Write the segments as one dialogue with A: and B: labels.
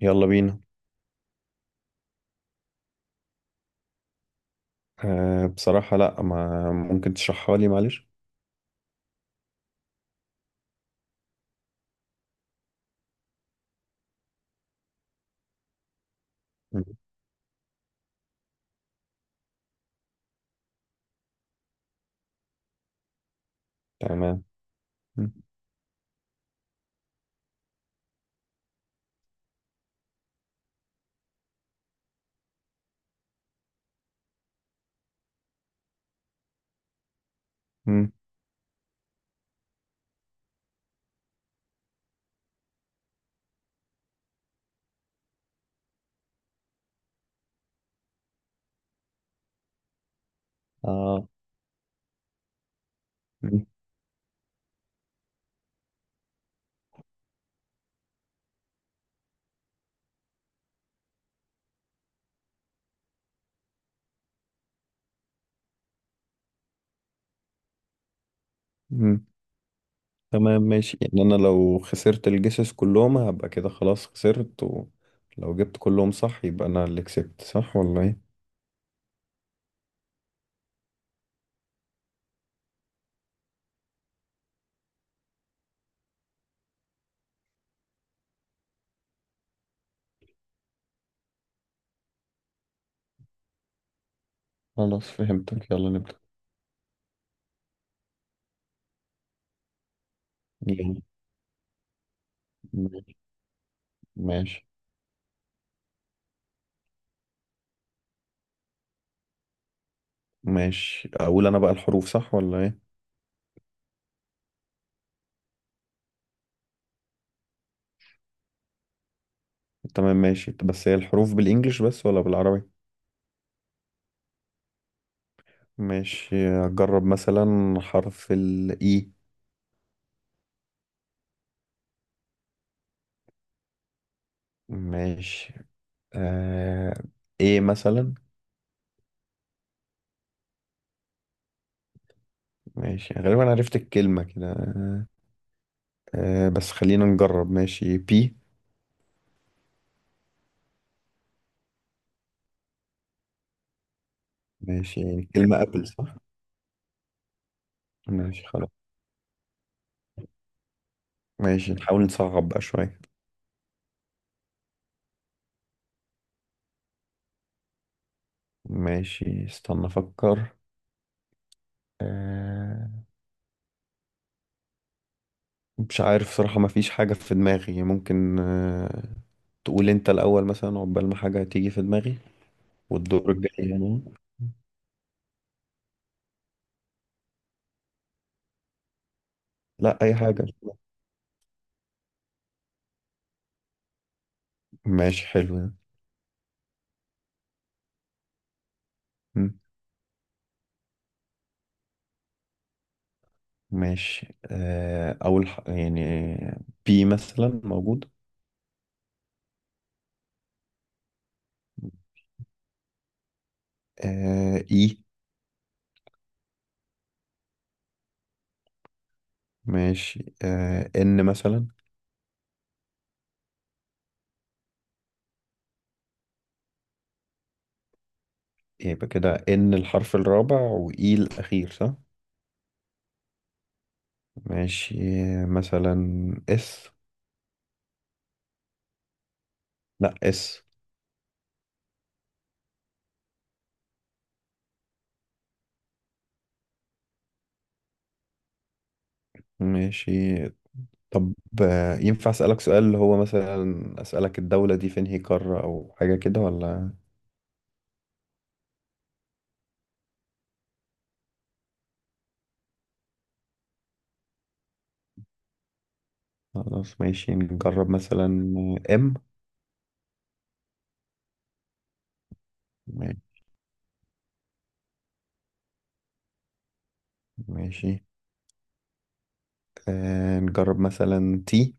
A: يلا بينا. بصراحة، لا، ما ممكن تشرحها لي، معلش. مم. تمام. مم. مم. اه. مم. مم. تمام ماشي، يعني أنا لو خسرت الجسس كلهم هبقى كده خلاص خسرت، ولو جبت كلهم صح يبقى أنا اللي كسبت، صح ولا إيه؟ خلاص فهمتك، يلا نبدأ. يعني ماشي ماشي ماشي. أقول أنا بقى الحروف صح ولا إيه؟ تمام ماشي، بس هي الحروف بالإنجليش بس ولا بالعربي؟ ماشي، أجرب مثلا حرف الإي. ماشي. آه ايه مثلا. ماشي، غالبا عرفت الكلمة كده. آه. بس خلينا نجرب. ماشي، بي. ماشي، يعني الكلمة ابل صح. ماشي خلاص. ماشي، نحاول نصعب بقى شوية. ماشي، استنى افكر. آه. مش عارف صراحة، ما فيش حاجة في دماغي. ممكن. تقول انت الاول مثلا، عقبال ما حاجة تيجي في دماغي، والدور الجاي يعني. لا، اي حاجة. ماشي حلو. ده. ماشي. أول يعني بي مثلا موجود. إي. ماشي. إن مثلا. يبقى كده إن الحرف الرابع وإي الأخير، صح؟ ماشي. مثلا إس. لأ، إس. ماشي. طب. ينفع أسألك سؤال، اللي هو مثلا أسألك الدولة دي فين، هي قارة أو حاجة كده ولا؟ خلاص ماشي، نجرب مثلا إم. ماشي. نجرب مثلا تي.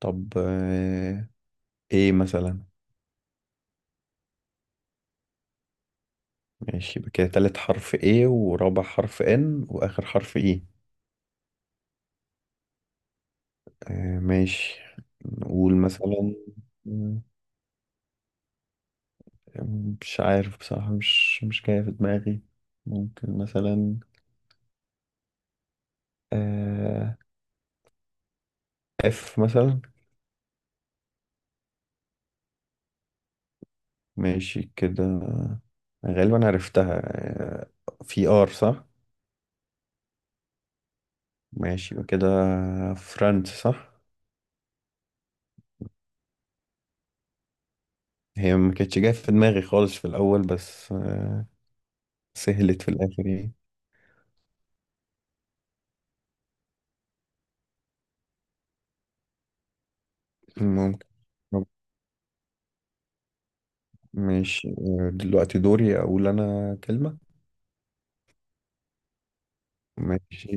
A: طب. ايه مثلا. ماشي، يبقى كده تالت حرف ايه، ورابع حرف ان، واخر حرف ايه. آه، ماشي. نقول مثلا. مم، مش عارف بصراحة، مش جاية في دماغي. ممكن مثلا. آه اف مثلا. ماشي كده، غالبا عرفتها. آه، في ار صح. ماشي، يبقى كده فرانس صح. هي ما كانتش جاية في دماغي خالص في الاول، بس سهلت في الاخر يعني. ممكن. طب. ماشي. دلوقتي دوري أقول أنا كلمة. ماشي،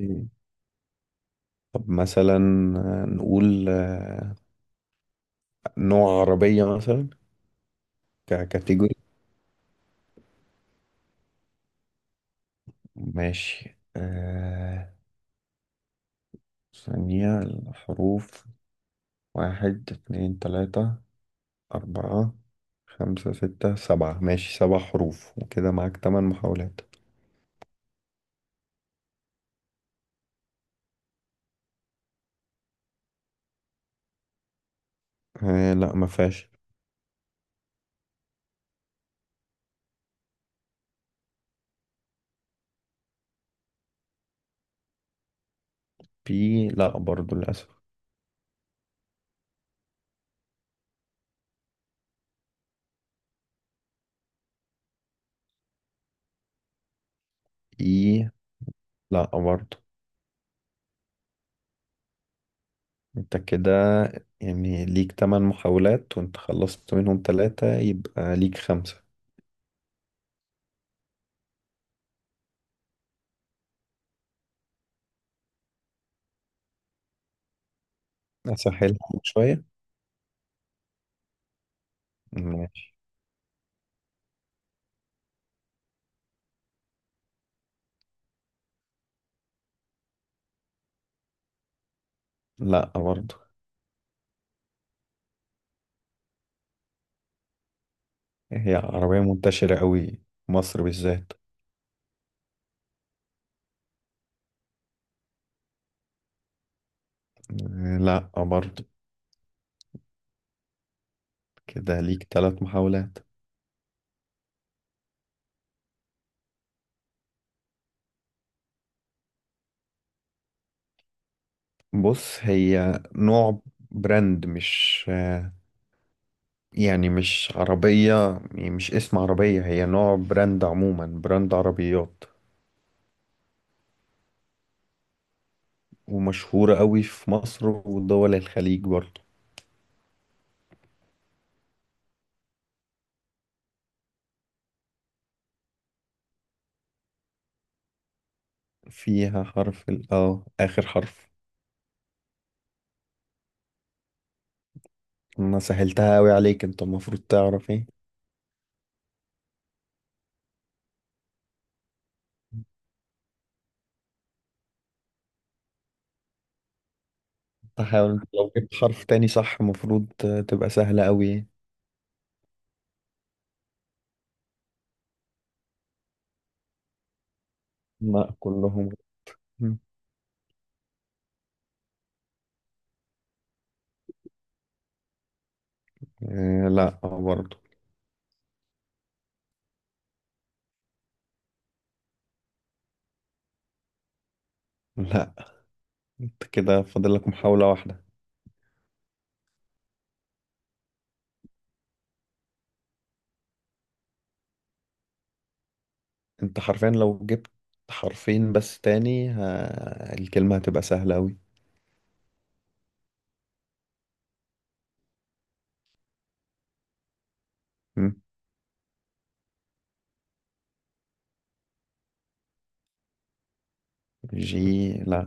A: طب مثلا. نقول. نوع عربية مثلا، ككاتيجوري. ماشي. ثانية الحروف، واحد اتنين تلاتة أربعة خمسة ستة سبعة. ماشي، سبع حروف، وكده معاك تمن محاولات. آه لا، ما فيهاش. بي لا، برضو للأسف. إي لا، برضو. انت كده، يعني ليك تمن محاولات، وانت خلصت منهم تلاتة، يبقى ليك خمسة. اسهلها لك شوية. ماشي. لا، برضه. هي عربية منتشرة قوي، مصر بالذات. لا، برضه. كده ليك تلات محاولات. بص، هي نوع براند، مش يعني مش عربية، يعني مش اسم عربية، هي نوع براند، عموما براند عربيات، ومشهورة قوي في مصر ودول الخليج برضه. فيها حرف ال، آخر حرف. أنا سهلتها أوي عليك، أنت المفروض تعرف إيه. تحاول أنت، لو جبت حرف تاني صح، المفروض تبقى سهلة أوي. لا، كلهم. آه، لا برضو. لا، أنت كده فاضل لك محاولة واحدة. أنت حرفيا لو جبت حرفين بس تاني، ها الكلمة هتبقى سهلة أوي. مم. جي لا.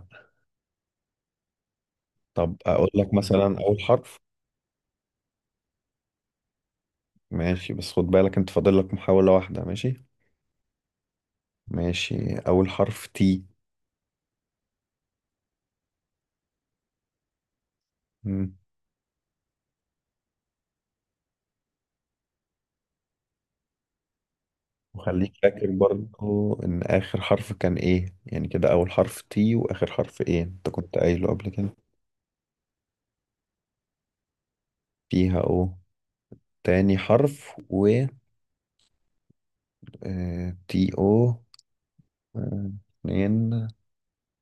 A: طب أقول لك مثلا أول حرف. ماشي، بس خد بالك أنت فاضل لك محاولة واحدة، ماشي. ماشي، أول حرف تي. وخليك فاكر برضو، ان اخر حرف كان ايه، يعني كده اول حرف تي، واخر حرف ايه، انت كنت قايله قبل كده. فيها او. تاني حرف و تي او. آه، اتنين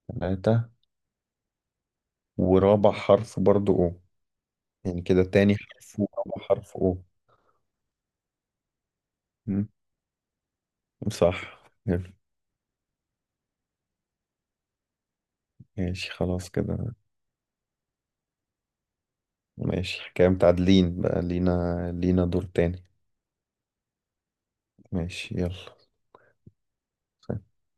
A: تلاتة، ورابع حرف برضو او. يعني كده تاني حرف ورابع حرف او. مم، صح، حلو. ماشي خلاص كده. ماشي، كده متعادلين بقى، لينا دور تاني. ماشي، يلا.